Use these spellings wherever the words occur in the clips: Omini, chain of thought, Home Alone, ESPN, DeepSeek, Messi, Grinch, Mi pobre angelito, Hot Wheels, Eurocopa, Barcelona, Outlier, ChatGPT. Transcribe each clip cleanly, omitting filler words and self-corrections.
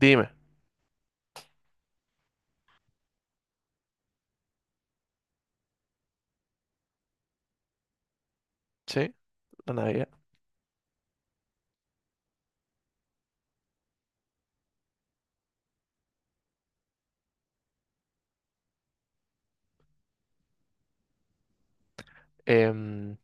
Dime. Sí, la Navidad. Em,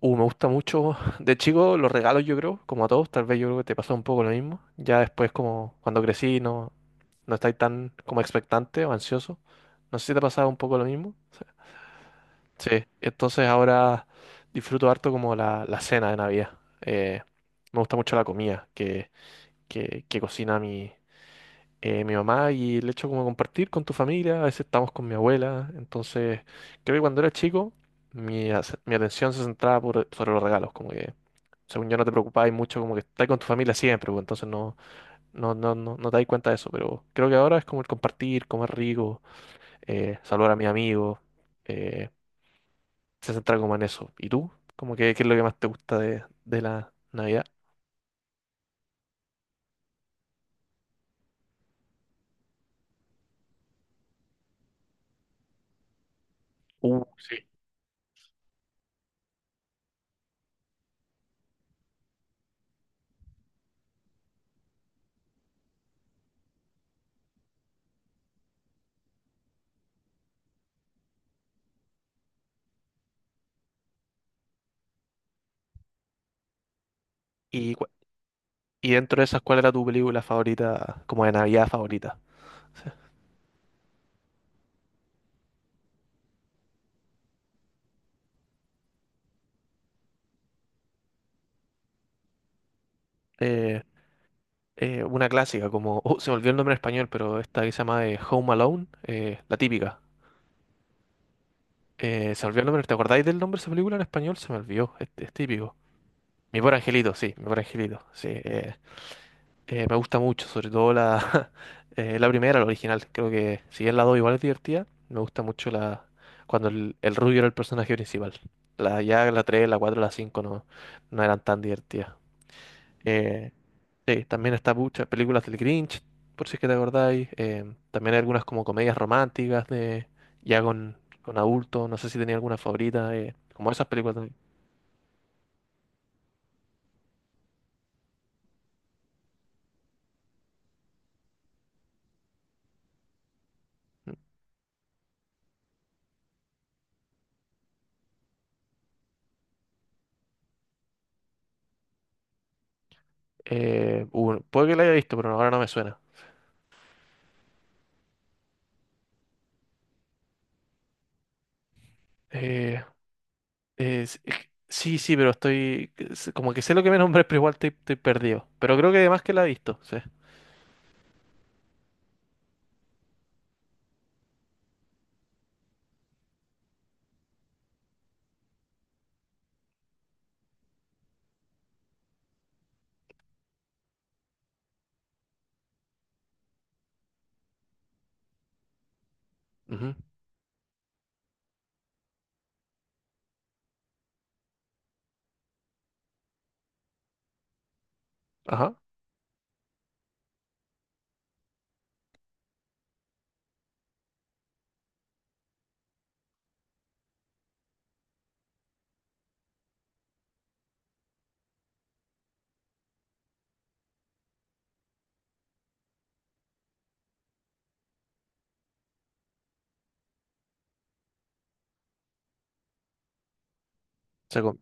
Me gusta mucho. De chico, los regalos, yo creo, como a todos, tal vez yo creo que te pasó un poco lo mismo. Ya después, como cuando crecí, no, no estáis tan como expectante o ansioso. No sé si te pasaba un poco lo mismo. Sí, entonces ahora disfruto harto como la cena de Navidad. Me gusta mucho la comida que cocina mi mi mamá y el hecho como compartir con tu familia, a veces estamos con mi abuela, entonces creo que cuando era chico mi atención se centraba sobre los regalos, como que según yo no te preocupabas mucho, como que estás con tu familia siempre, pues, entonces no te das cuenta de eso, pero creo que ahora es como el compartir, comer rico, saludar a mis amigos, eh, se centra como en eso. ¿Y tú? Como que, ¿qué es lo que más te gusta de la Navidad? Sí. ¿Y, y dentro de esas, cuál era tu película favorita, como de Navidad favorita? eh, una clásica como, oh, se me olvidó el nombre en español, pero esta que se llama Home Alone, la típica. Se me olvidó el nombre, ¿te acordáis del nombre de esa película en español? Se me olvidó, es típico. Mi pobre angelito, sí, mi pobre angelito, sí. Me gusta mucho, sobre todo la, la primera, la original. Creo que si bien la 2 igual es divertida, me gusta mucho la cuando el rubio era el personaje principal. Ya la 3 la 4 la 5 no, no eran tan divertidas. Eh, Sí, también está muchas películas del Grinch, por si es que te acordáis. También hay algunas como comedias románticas de ya con adultos. No sé si tenía alguna favorita, como esas películas también. Puede que la haya visto, pero ahora no me suena. Eh, sí, sí, pero estoy. Es como que sé lo que me nombré, pero igual estoy perdido. Pero creo que además que la he visto, sí. Ujú. Ajá. O sea,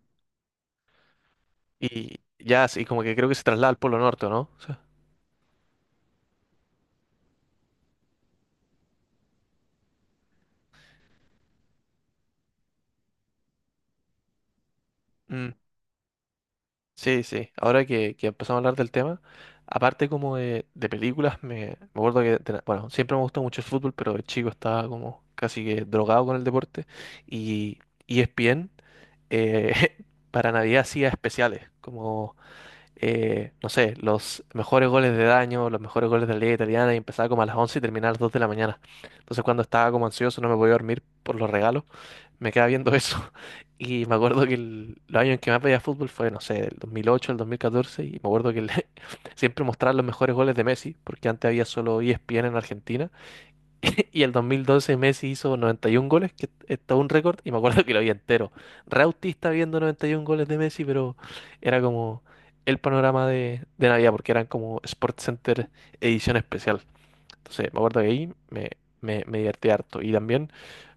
y ya, sí, como que creo que se traslada al Polo Norte, ¿no? Sí. Mm. Sí, sí. Ahora que empezamos a hablar del tema, aparte como de películas, me acuerdo que, bueno, siempre me gustó mucho el fútbol, pero el chico estaba como casi que drogado con el deporte. Y ESPN eh, para Navidad hacía especiales, como no sé, los mejores goles de daño, los mejores goles de la liga italiana y empezaba como a las 11 y terminaba a las 2 de la mañana. Entonces cuando estaba como ansioso, no me podía dormir por los regalos, me quedaba viendo eso. Y me acuerdo que el, los años en que más veía fútbol fue, no sé, el 2008, el 2014, y me acuerdo que el- siempre mostraban los mejores goles de Messi, porque antes había solo ESPN en Argentina. Y el 2012 Messi hizo 91 goles, que es todo un récord, y me acuerdo que lo vi entero. Re autista viendo 91 goles de Messi, pero era como el panorama de Navidad, porque eran como Sports Center edición especial. Entonces, me acuerdo que ahí me divertí harto. Y también,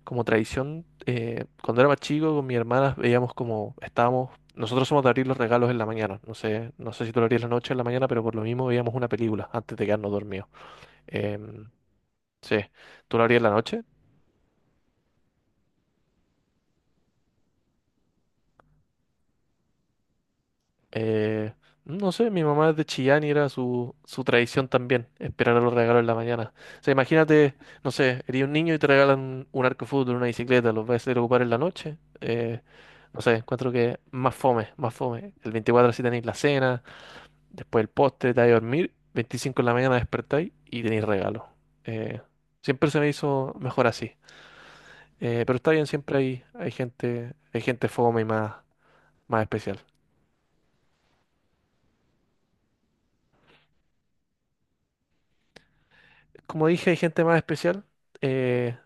como tradición, cuando era más chico, con mi hermana veíamos como estábamos. Nosotros somos de abrir los regalos en la mañana. No sé, no sé si tú lo abrías en la noche o en la mañana, pero por lo mismo veíamos una película antes de quedarnos dormidos. Em, sí. ¿Tú lo abrías en la noche? Eh, no sé, mi mamá es de Chillán y era su tradición también, esperar a los regalos en la mañana. O sea, imagínate, no sé, eres un niño y te regalan un arco de fútbol, una bicicleta, los vas a ir a ocupar en la noche. No sé, encuentro que más fome, más fome. El 24 sí tenéis la cena, después el postre, te vais a dormir, 25 en la mañana despertáis y tenéis regalo. Eh, Siempre se me hizo mejor así. Pero está bien, siempre hay, hay gente fome y más, más especial. Como dije, hay gente más especial eh,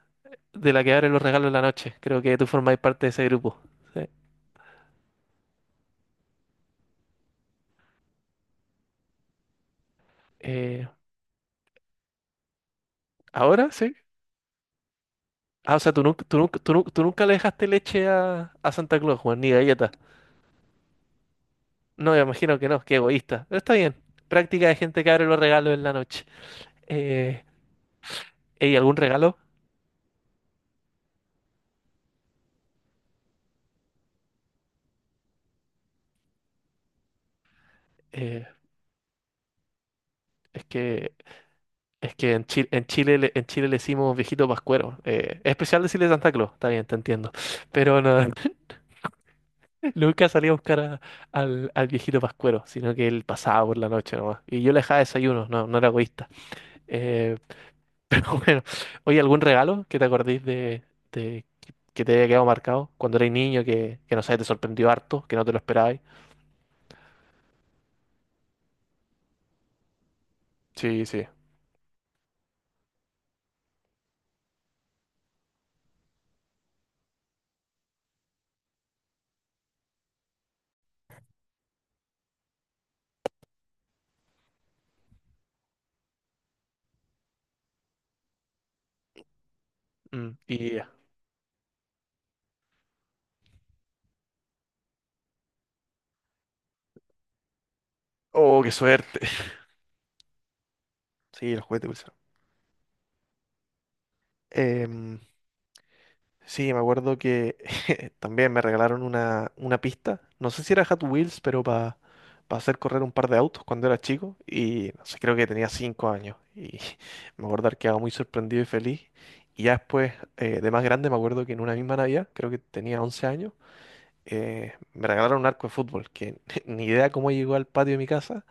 de la que abren los regalos en la noche. Creo que tú formás parte de ese grupo. ¿Sí? Eh, Ahora sí. Ah, o sea, tú nunca le dejaste leche a Santa Claus, Juan, ni galletas. No, me imagino que no, qué egoísta. Pero está bien. Práctica de gente que abre los regalos en la noche. Eh, ¿Y algún regalo? Eh, es que, es que en Chile, en Chile le decimos viejito pascuero. Es especial decirle Santa Claus, está bien, te entiendo. Pero no. Nunca salía a buscar a- al, al viejito Pascuero, sino que él pasaba por la noche nomás. Y yo le dejaba desayuno, no, no era egoísta. Eh, pero bueno, oye, ¿algún regalo que te acordéis de, de- que te haya quedado marcado cuando eras niño, que no sé, te sorprendió harto, que no te lo esperabais? Sí, sí. Mm, y, oh, qué suerte. Sí, los juguetes. Pulsero. Sí, me acuerdo que también me regalaron una pista. No sé si era Hot Wheels, pero para hacer correr un par de autos cuando era chico. Y no sé, creo que tenía cinco años. Y me acuerdo que estaba muy sorprendido y feliz. Y ya después, de más grande, me acuerdo que en una misma Navidad, creo que tenía 11 años, me regalaron un arco de fútbol, que ni idea cómo llegó al patio de mi casa,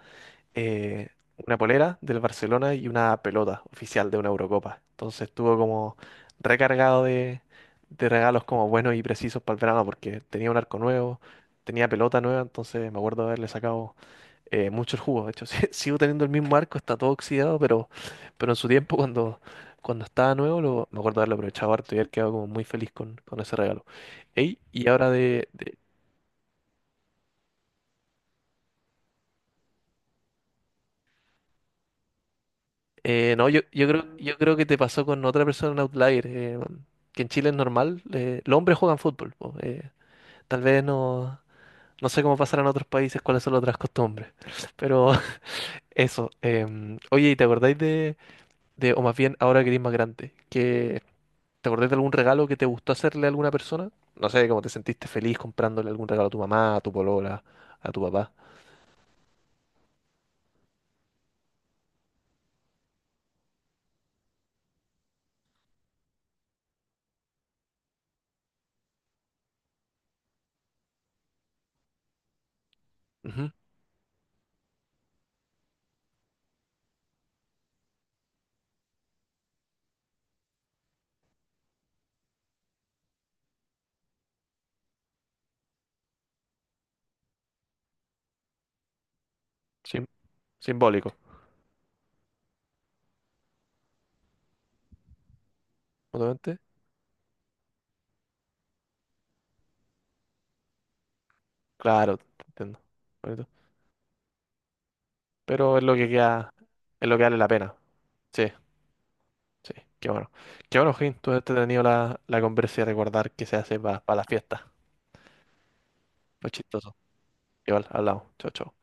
eh, una polera del Barcelona y una pelota oficial de una Eurocopa. Entonces estuvo como recargado de regalos como buenos y precisos para el verano porque tenía un arco nuevo, tenía pelota nueva, entonces me acuerdo de haberle sacado mucho el jugo. De hecho, sí, sigo teniendo el mismo arco, está todo oxidado, pero en su tiempo cuando, cuando estaba nuevo lo, me acuerdo de haberlo aprovechado harto y haber quedado como muy feliz con ese regalo. Ey, y ahora de- no, yo creo que te pasó con otra persona en Outlier, que en Chile es normal, los hombres juegan fútbol, po, tal vez no, no sé cómo pasará en otros países, cuáles son las otras costumbres, pero eso. Oye, ¿y te acordáis de, o más bien ahora que eres más grande, que te acordáis de algún regalo que te gustó hacerle a alguna persona? No sé, cómo te sentiste feliz comprándole algún regalo a tu mamá, a tu polola, a tu papá. Ujú. sim- Simbólico, obviamente. Claro, te entiendo. Pero es lo que queda, es lo que vale la pena. Sí, sí, qué bueno. Qué bueno, Jim, tú has tenido la conversa y recordar que se hace para la fiesta. Lo chistoso. Igual, hablamos. Chao, chao.